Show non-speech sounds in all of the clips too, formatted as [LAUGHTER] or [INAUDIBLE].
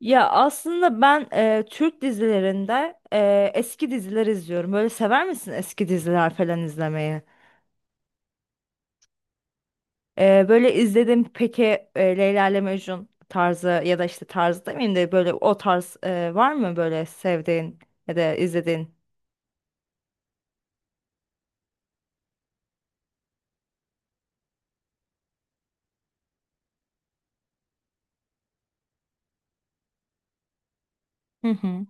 Ya aslında ben Türk dizilerinde eski diziler izliyorum. Böyle sever misin eski diziler falan izlemeyi? Böyle izledim peki Leyla ile Mecnun tarzı ya da işte tarzı demeyeyim de böyle o tarz var mı böyle sevdiğin ya da izlediğin? Hı hı.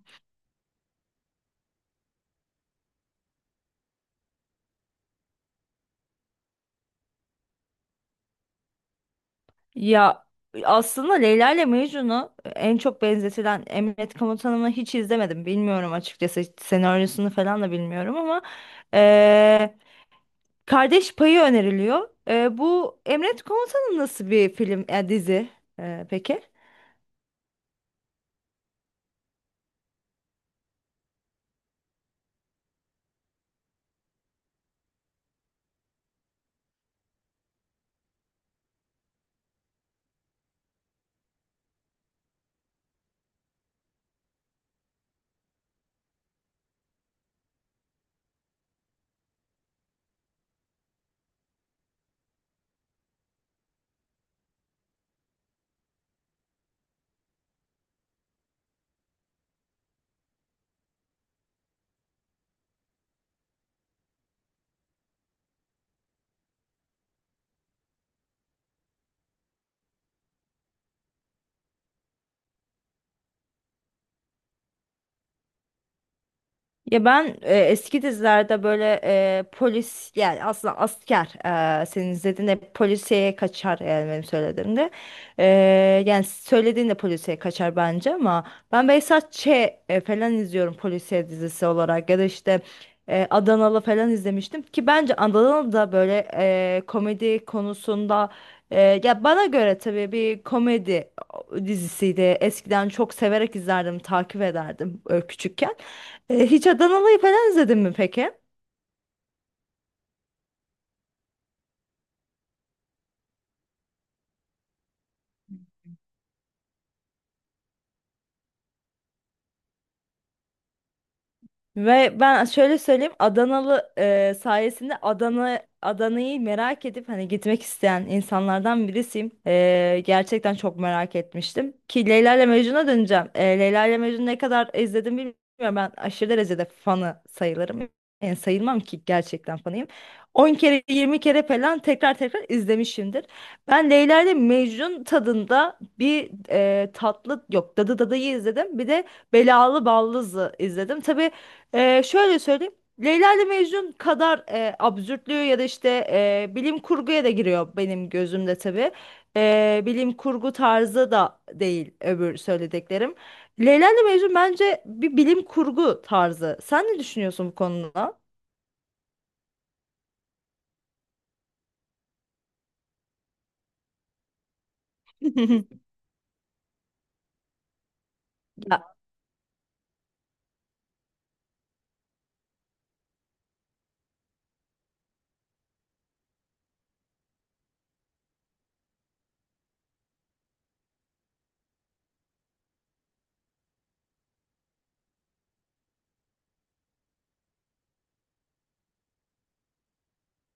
Ya aslında Leyla ile Mecnun'u en çok benzetilen Emret Komutanım'ı hiç izlemedim. Bilmiyorum açıkçası hiç senaryosunu falan da bilmiyorum ama Kardeş Payı öneriliyor. Bu Emret Komutan'ın nasıl bir film, dizi peki? Ya ben eski dizilerde böyle polis yani aslında asker, senin izlediğinde hep polisiye kaçar yani benim söylediğimde. E, Yani söylediğinde polisiye kaçar bence ama ben Behzat Ç. Falan izliyorum polisiye dizisi olarak ya da işte Adanalı falan izlemiştim ki bence Adanalı da böyle komedi konusunda, ya bana göre tabii bir komedi dizisiydi. Eskiden çok severek izlerdim, takip ederdim küçükken. Hiç Adanalı'yı falan izledin mi peki? Ve ben şöyle söyleyeyim, Adanalı sayesinde Adana Adana'yı merak edip hani gitmek isteyen insanlardan birisiyim. E, gerçekten çok merak etmiştim. Ki Leyla ile Mecnun'a döneceğim. E, Leyla ile Mecnun'u ne kadar izledim bilmiyorum. Ben aşırı derecede fanı sayılırım. Yani sayılmam ki gerçekten fanıyım. 10 kere 20 kere falan tekrar tekrar izlemişimdir. Ben Leyla ile Mecnun tadında bir tatlı yok, Dadı'yı izledim. Bir de Belalı Ballız'ı izledim. Tabii şöyle söyleyeyim. Leyla ile Mecnun kadar absürtlüğü ya da işte bilim kurguya da giriyor benim gözümde tabii. Bilim kurgu tarzı da değil öbür söylediklerim. Leyla ile Mecnun bence bir bilim kurgu tarzı. Sen ne düşünüyorsun bu konuda? [LAUGHS] Ya,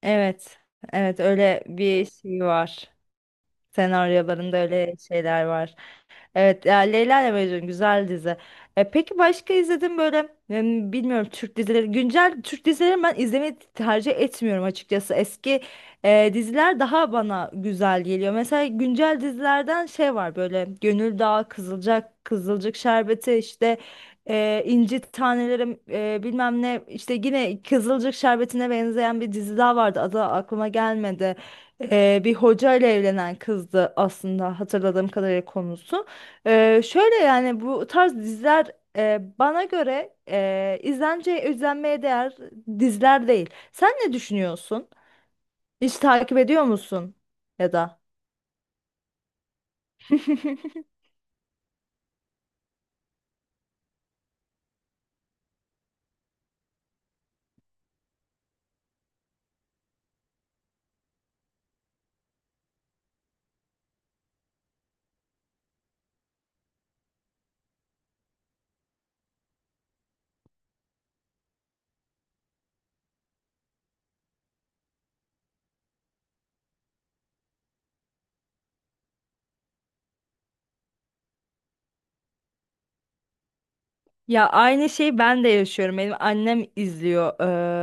evet. Evet, öyle bir şey var. Senaryolarında öyle şeyler var. Evet, ya Leyla ile Mecnun güzel dizi. E, peki başka izledim böyle bilmiyorum, Türk dizileri. Güncel Türk dizileri ben izlemeyi tercih etmiyorum açıkçası. Eski diziler daha bana güzel geliyor. Mesela güncel dizilerden şey var böyle Gönül Dağı, Kızılcık, Kızılcık Şerbeti, işte İnci Tanelerim, bilmem ne, işte yine Kızılcık Şerbeti'ne benzeyen bir dizi daha vardı. Adı aklıma gelmedi. Bir hoca ile evlenen kızdı aslında hatırladığım kadarıyla konusu. Şöyle yani bu tarz diziler bana göre e, izlence izlenmeye değer diziler değil. Sen ne düşünüyorsun? Hiç takip ediyor musun ya da? [LAUGHS] Ya aynı şeyi ben de yaşıyorum. Benim annem izliyor.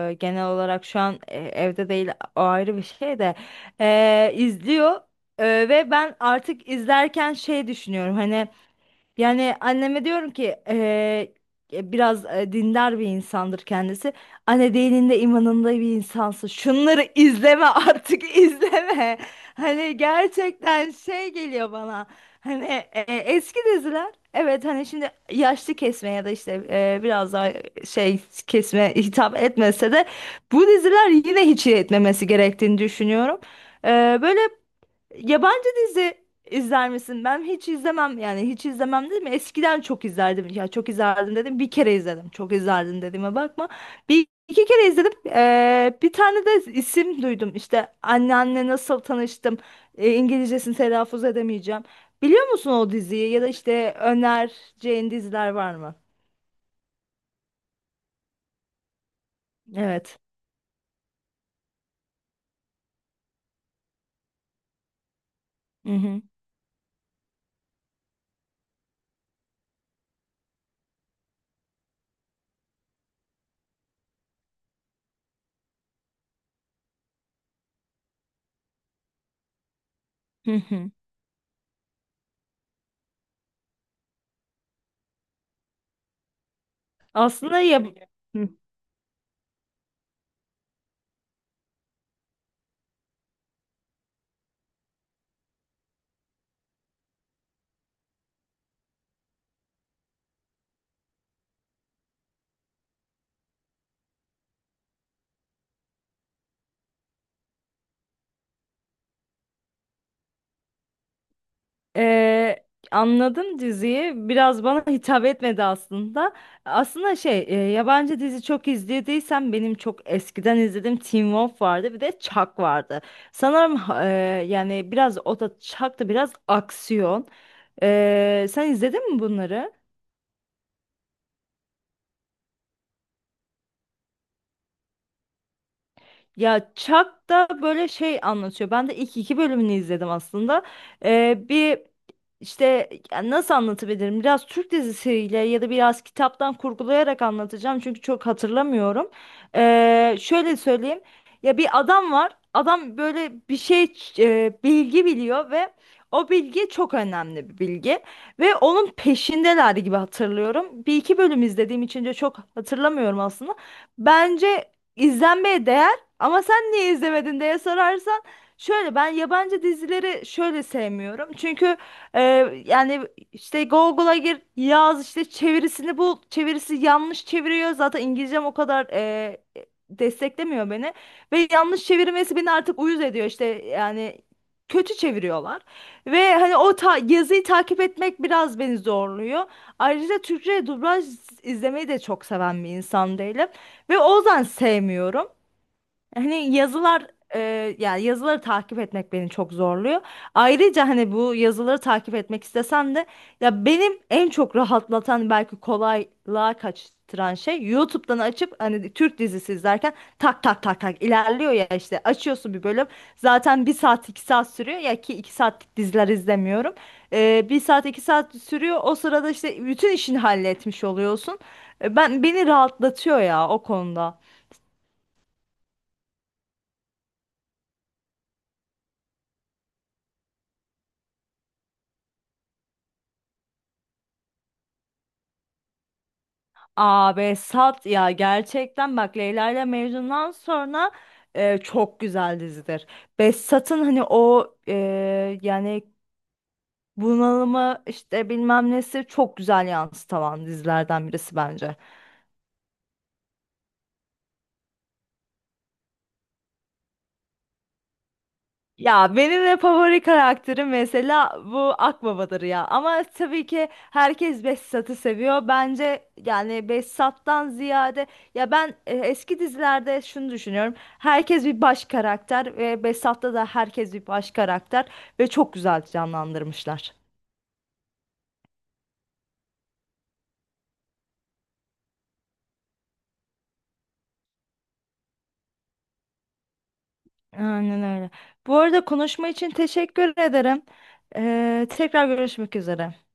Genel olarak şu an evde değil, o ayrı bir şey de. İzliyor. Ve ben artık izlerken şey düşünüyorum. Hani, yani anneme diyorum ki, biraz dindar bir insandır kendisi. Anne, dininde imanında bir insansın. Şunları izleme artık, [LAUGHS] izleme. Hani gerçekten şey geliyor bana. Hani eski diziler, evet, hani şimdi yaşlı kesme ya da işte biraz daha şey kesme hitap etmese de bu diziler yine hiç etmemesi gerektiğini düşünüyorum. Böyle yabancı dizi izler misin? Ben hiç izlemem, yani hiç izlemem dedim. Eskiden çok izlerdim. Ya, çok izlerdim dedim. Bir kere izledim. Çok izlerdim dediğime bakma. Bir iki kere izledim. Bir tane de isim duydum. İşte anneanne nasıl tanıştım. İngilizcesini telaffuz edemeyeceğim. Biliyor musun o diziyi ya da işte önereceğin diziler var mı? Evet. Hı hı. Hı hı. Aslında ya. Ee, Anladım diziyi. Biraz bana [LAUGHS] hitap etmedi aslında. Aslında şey, yabancı dizi çok izlediysem benim çok eskiden izlediğim Teen Wolf vardı, bir de Chuck vardı. Sanırım yani biraz o da, Chuck da biraz aksiyon. Sen izledin mi bunları? Ya Chuck da böyle şey anlatıyor. Ben de ilk iki bölümünü izledim aslında. Bir işte, ya nasıl anlatabilirim? Biraz Türk dizisiyle ya da biraz kitaptan kurgulayarak anlatacağım. Çünkü çok hatırlamıyorum. Şöyle söyleyeyim. Ya bir adam var. Adam böyle bir şey, bilgi biliyor ve o bilgi çok önemli bir bilgi. Ve onun peşindeler gibi hatırlıyorum. Bir iki bölüm izlediğim için de çok hatırlamıyorum aslında. Bence izlenmeye değer ama sen niye izlemedin diye sorarsan, şöyle, ben yabancı dizileri şöyle sevmiyorum. Çünkü e, yani işte Google'a gir, yaz, işte çevirisini bul, çevirisi yanlış çeviriyor. Zaten İngilizcem o kadar desteklemiyor beni ve yanlış çevirmesi beni artık uyuz ediyor, işte yani kötü çeviriyorlar. Ve hani o ta yazıyı takip etmek biraz beni zorluyor. Ayrıca Türkçe dublaj izlemeyi de çok seven bir insan değilim. Ve o yüzden sevmiyorum. Hani yazılar, e, yani yazıları takip etmek beni çok zorluyor. Ayrıca hani bu yazıları takip etmek istesem de ya benim en çok rahatlatan, belki kolaylığa kaçtıran şey YouTube'dan açıp hani Türk dizisi izlerken tak tak tak tak ilerliyor ya, işte açıyorsun bir bölüm, zaten bir saat iki saat sürüyor ya, ki iki saatlik diziler izlemiyorum. E, bir saat iki saat sürüyor, o sırada işte bütün işini halletmiş oluyorsun. E, ben, beni rahatlatıyor ya o konuda. Abi sat ya, gerçekten bak, Leyla ile Mecnun'dan sonra çok güzel dizidir. Behzat'ın hani o, yani bunalımı işte bilmem nesi çok güzel yansıtan dizilerden birisi bence. Ya benim de favori karakterim mesela bu Akbaba'dır ya. Ama tabii ki herkes Behzat'ı seviyor. Bence yani Behzat'tan ziyade, ya ben eski dizilerde şunu düşünüyorum. Herkes bir baş karakter ve Behzat'ta da herkes bir baş karakter ve çok güzel canlandırmışlar. Aynen öyle. Bu arada konuşma için teşekkür ederim. Tekrar görüşmek üzere.